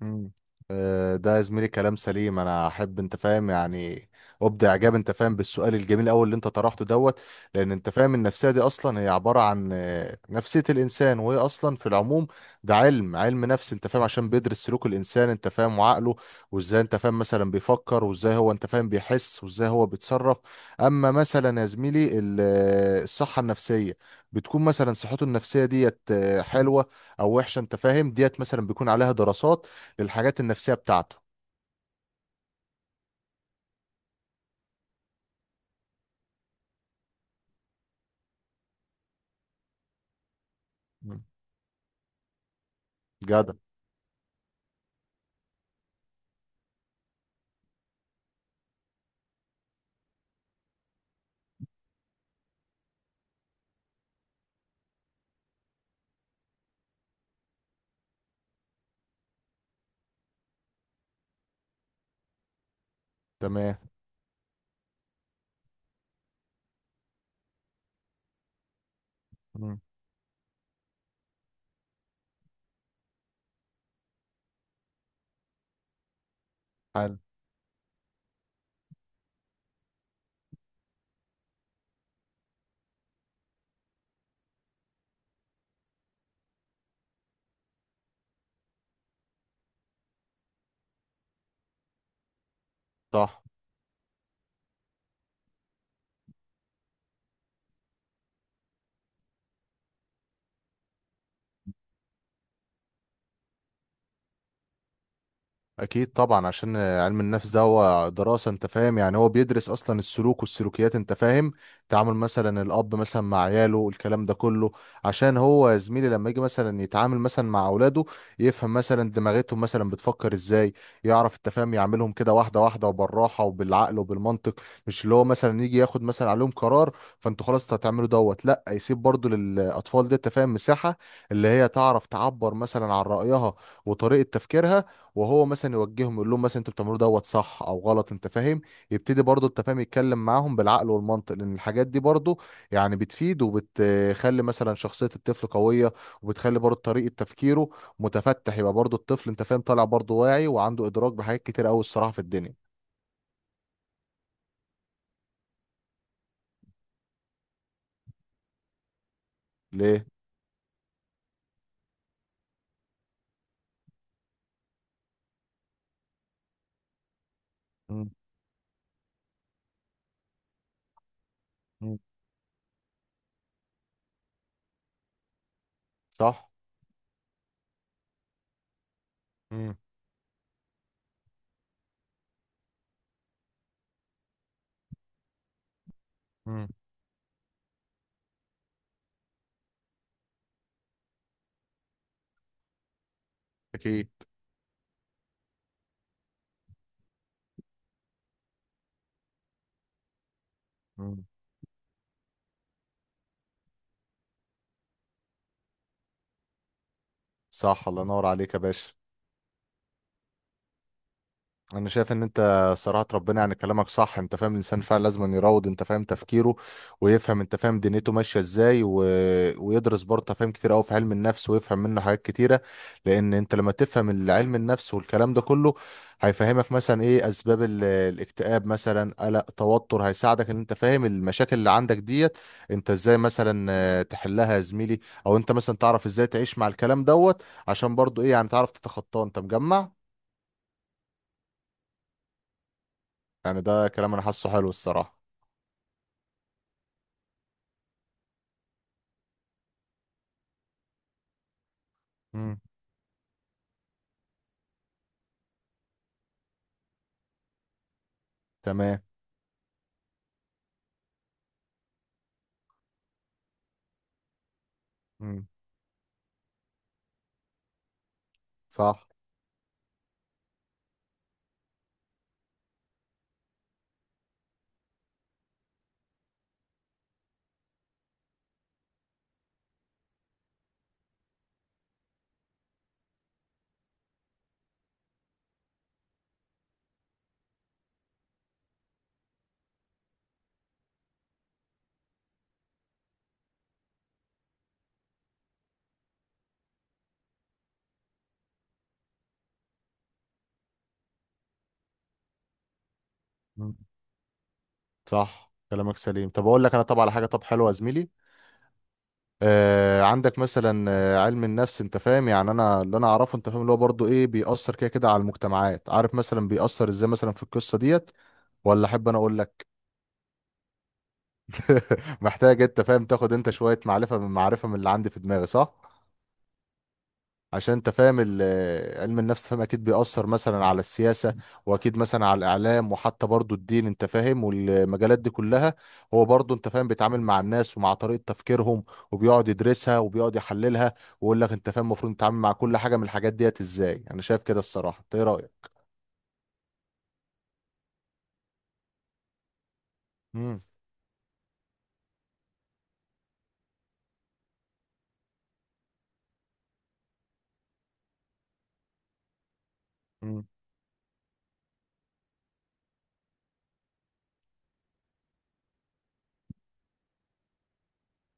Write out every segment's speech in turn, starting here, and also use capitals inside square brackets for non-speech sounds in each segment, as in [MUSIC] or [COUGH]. مم. ده يا زميلي كلام سليم. انا احب انت فاهم، يعني ابدع اعجاب، انت فاهم، بالسؤال الجميل قوي اللي انت طرحته دوت. لان انت فاهم النفسيه دي اصلا هي عباره عن نفسيه الانسان، وهي اصلا في العموم ده علم نفس، انت فاهم، عشان بيدرس سلوك الانسان، انت فاهم، وعقله، وازاي انت فاهم مثلا بيفكر، وازاي هو انت فاهم بيحس، وازاي هو بيتصرف. اما مثلا يا زميلي الصحه النفسيه بتكون مثلا صحته النفسيه ديت حلوه او وحشه، انت فاهم ديت مثلا بيكون عليها دراسات للحاجات النفسية بتاعته. مم. جدع. تمام. مم. حلو. صح. اكيد طبعا، عشان علم النفس ده هو دراسه، انت فاهم، يعني هو بيدرس اصلا السلوك والسلوكيات، انت فاهم. تعامل مثلا الاب مثلا مع عياله، الكلام ده كله عشان هو يا زميلي لما يجي مثلا يتعامل مثلا مع اولاده، يفهم مثلا دماغتهم مثلا بتفكر ازاي. يعرف انت فاهم يعملهم كده واحده واحده وبالراحه وبالعقل وبالمنطق، مش اللي هو مثلا يجي ياخد مثلا عليهم قرار فانتوا خلاص هتعملوا دوت. لا، يسيب برضو للاطفال دي انت فاهم مساحه اللي هي تعرف تعبر مثلا عن رايها وطريقه تفكيرها، وهو مثلا يوجههم يقول لهم مثلا انتوا بتعملوه دوت صح او غلط، انت فاهم. يبتدي برضه انت فاهم يتكلم معاهم بالعقل والمنطق، لان الحاجات دي برضه يعني بتفيد، وبتخلي مثلا شخصية الطفل قوية، وبتخلي برضه طريقة تفكيره متفتح، يبقى برضه الطفل انت فاهم طالع برضه واعي وعنده ادراك بحاجات كتير قوي الصراحة في الدنيا. ليه. مم. مم. صح. مم. مم. اكيد. مم. صح، الله ينور عليك يا باشا. انا شايف ان انت صراحة، ربنا، يعني كلامك صح انت فاهم. الانسان فعلا لازم أن يروض انت فاهم تفكيره، ويفهم انت فاهم دنيته ماشية ازاي، ويدرس برضه أنت فاهم كتير قوي في علم النفس، ويفهم منه حاجات كتيرة. لان انت لما تفهم العلم النفس والكلام ده كله، هيفهمك مثلا ايه اسباب الاكتئاب مثلا، قلق، توتر. هيساعدك ان انت فاهم المشاكل اللي عندك ديت انت ازاي مثلا تحلها يا زميلي. او انت مثلا تعرف ازاي تعيش مع الكلام دوت، عشان برضه ايه يعني تعرف تتخطاه، انت مجمع. يعني ده كلام انا حاسه حلو الصراحة. مم. تمام. مم. صح. مم. صح كلامك سليم. طب اقول لك انا، طب على حاجه، طب حلوه يا زميلي. عندك مثلا علم النفس، انت فاهم، يعني انا اللي انا اعرفه، انت فاهم، اللي هو برضه ايه بيأثر كده كده على المجتمعات، عارف مثلا بيأثر ازاي مثلا في القصه ديت، ولا احب انا اقول لك؟ [LAUGHS] محتاج انت فاهم تاخد انت شويه معرفه من اللي عندي في دماغي، صح. عشان انت فاهم علم النفس، فاهم، اكيد بيأثر مثلا على السياسة، واكيد مثلا على الاعلام، وحتى برضو الدين، انت فاهم، والمجالات دي كلها. هو برضو انت فاهم بيتعامل مع الناس ومع طريقة تفكيرهم، وبيقعد يدرسها وبيقعد يحللها، ويقول لك انت فاهم المفروض تتعامل مع كل حاجة من الحاجات ديت ازاي. انا شايف كده الصراحة، انت ايه رأيك؟ مم. مم.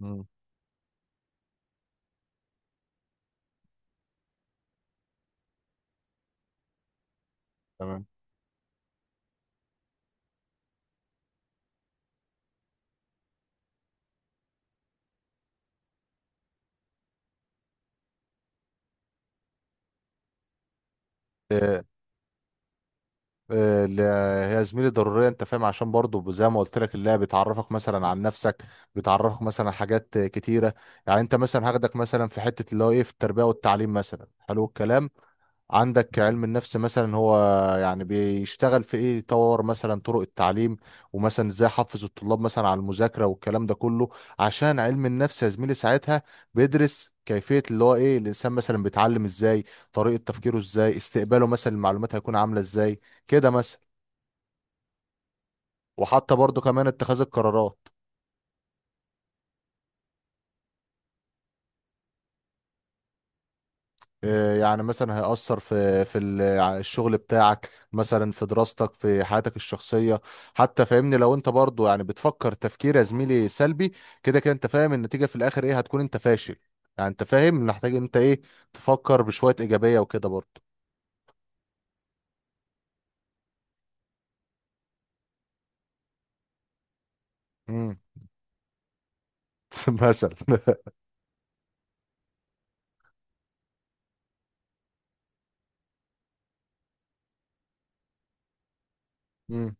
مم. تمام. اللي هي زميلي ضرورية، انت فاهم، عشان برضو زي ما قلت لك، اللعبة بتعرفك مثلا عن نفسك، بتعرفك مثلا حاجات كتيرة. يعني انت مثلا هاخدك مثلا في حتة اللي هو ايه في التربية والتعليم مثلا. حلو الكلام، عندك علم النفس مثلا هو يعني بيشتغل في ايه، يطور مثلا طرق التعليم، ومثلا ازاي احفز الطلاب مثلا على المذاكره والكلام ده كله. عشان علم النفس يا زميلي ساعتها بيدرس كيفيه اللي هو ايه الانسان مثلا بيتعلم ازاي، طريقه تفكيره ازاي، استقباله مثلا المعلومات هيكون عامله ازاي، كده مثلا. وحتى برضه كمان اتخاذ القرارات. يعني مثلا هيأثر في الشغل بتاعك، مثلا في دراستك، في حياتك الشخصية حتى، فاهمني. لو انت برضو يعني بتفكر تفكير يا زميلي سلبي كده كده، انت فاهم النتيجة في الاخر ايه هتكون؟ انت فاشل. يعني انت فاهم محتاج انت ايه، تفكر بشوية ايجابية وكده برضو. امم [LAUGHS] مثلا [LAUGHS] امم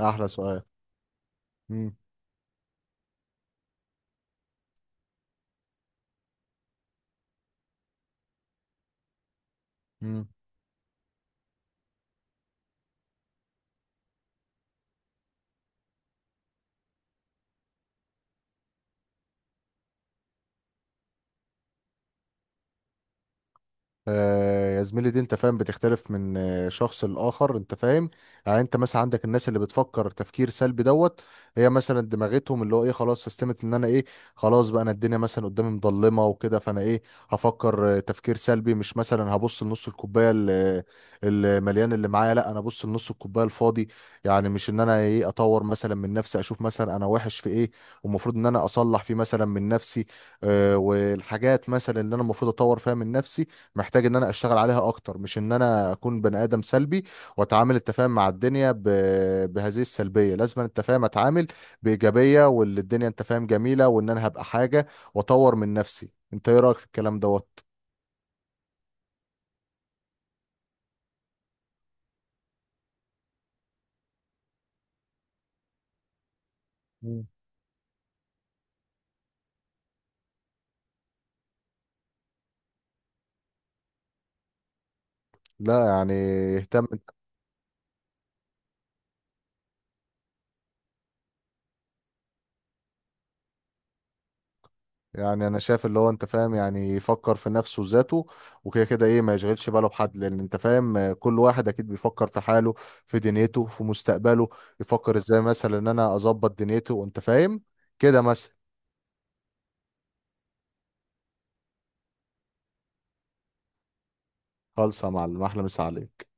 احلى سؤال. امم يا زميلي دي انت فاهم بتختلف من شخص لآخر، انت فاهم. يعني انت مثلا عندك الناس اللي بتفكر تفكير سلبي دوت، هي مثلا دماغتهم اللي هو ايه خلاص سيستمت ان انا ايه، خلاص بقى انا الدنيا مثلا قدامي مظلمة وكده، فانا ايه، هفكر تفكير سلبي. مش مثلا هبص لنص الكوباية المليان اللي معايا، لا انا ابص لنص الكوباية الفاضي. يعني مش ان انا ايه، اطور مثلا من نفسي، اشوف مثلا انا وحش في ايه والمفروض ان انا اصلح فيه مثلا من نفسي. والحاجات مثلا اللي انا المفروض اطور فيها من نفسي، محتاج ان انا اشتغل عليها اكتر، مش ان انا اكون بني ادم سلبي واتعامل التفاهم مع الدنيا بهذه السلبيه. لازم أن التفاهم اتعامل بايجابيه، واللي الدنيا انت فاهم جميله، وان انا هبقى حاجه واطور من نفسي. انت ايه رايك في الكلام دوت؟ مم. لا يعني. يهتم. يعني انا شايف اللي هو انت فاهم، يعني يفكر في نفسه وذاته، وكده كده ايه ما يشغلش باله بحد، لان انت فاهم كل واحد اكيد بيفكر في حاله، في دنيته، في مستقبله. يفكر ازاي مثلا ان انا اظبط دنيته، وانت فاهم كده مثلا. خالصة يا معلم، أحلى مسا عليك.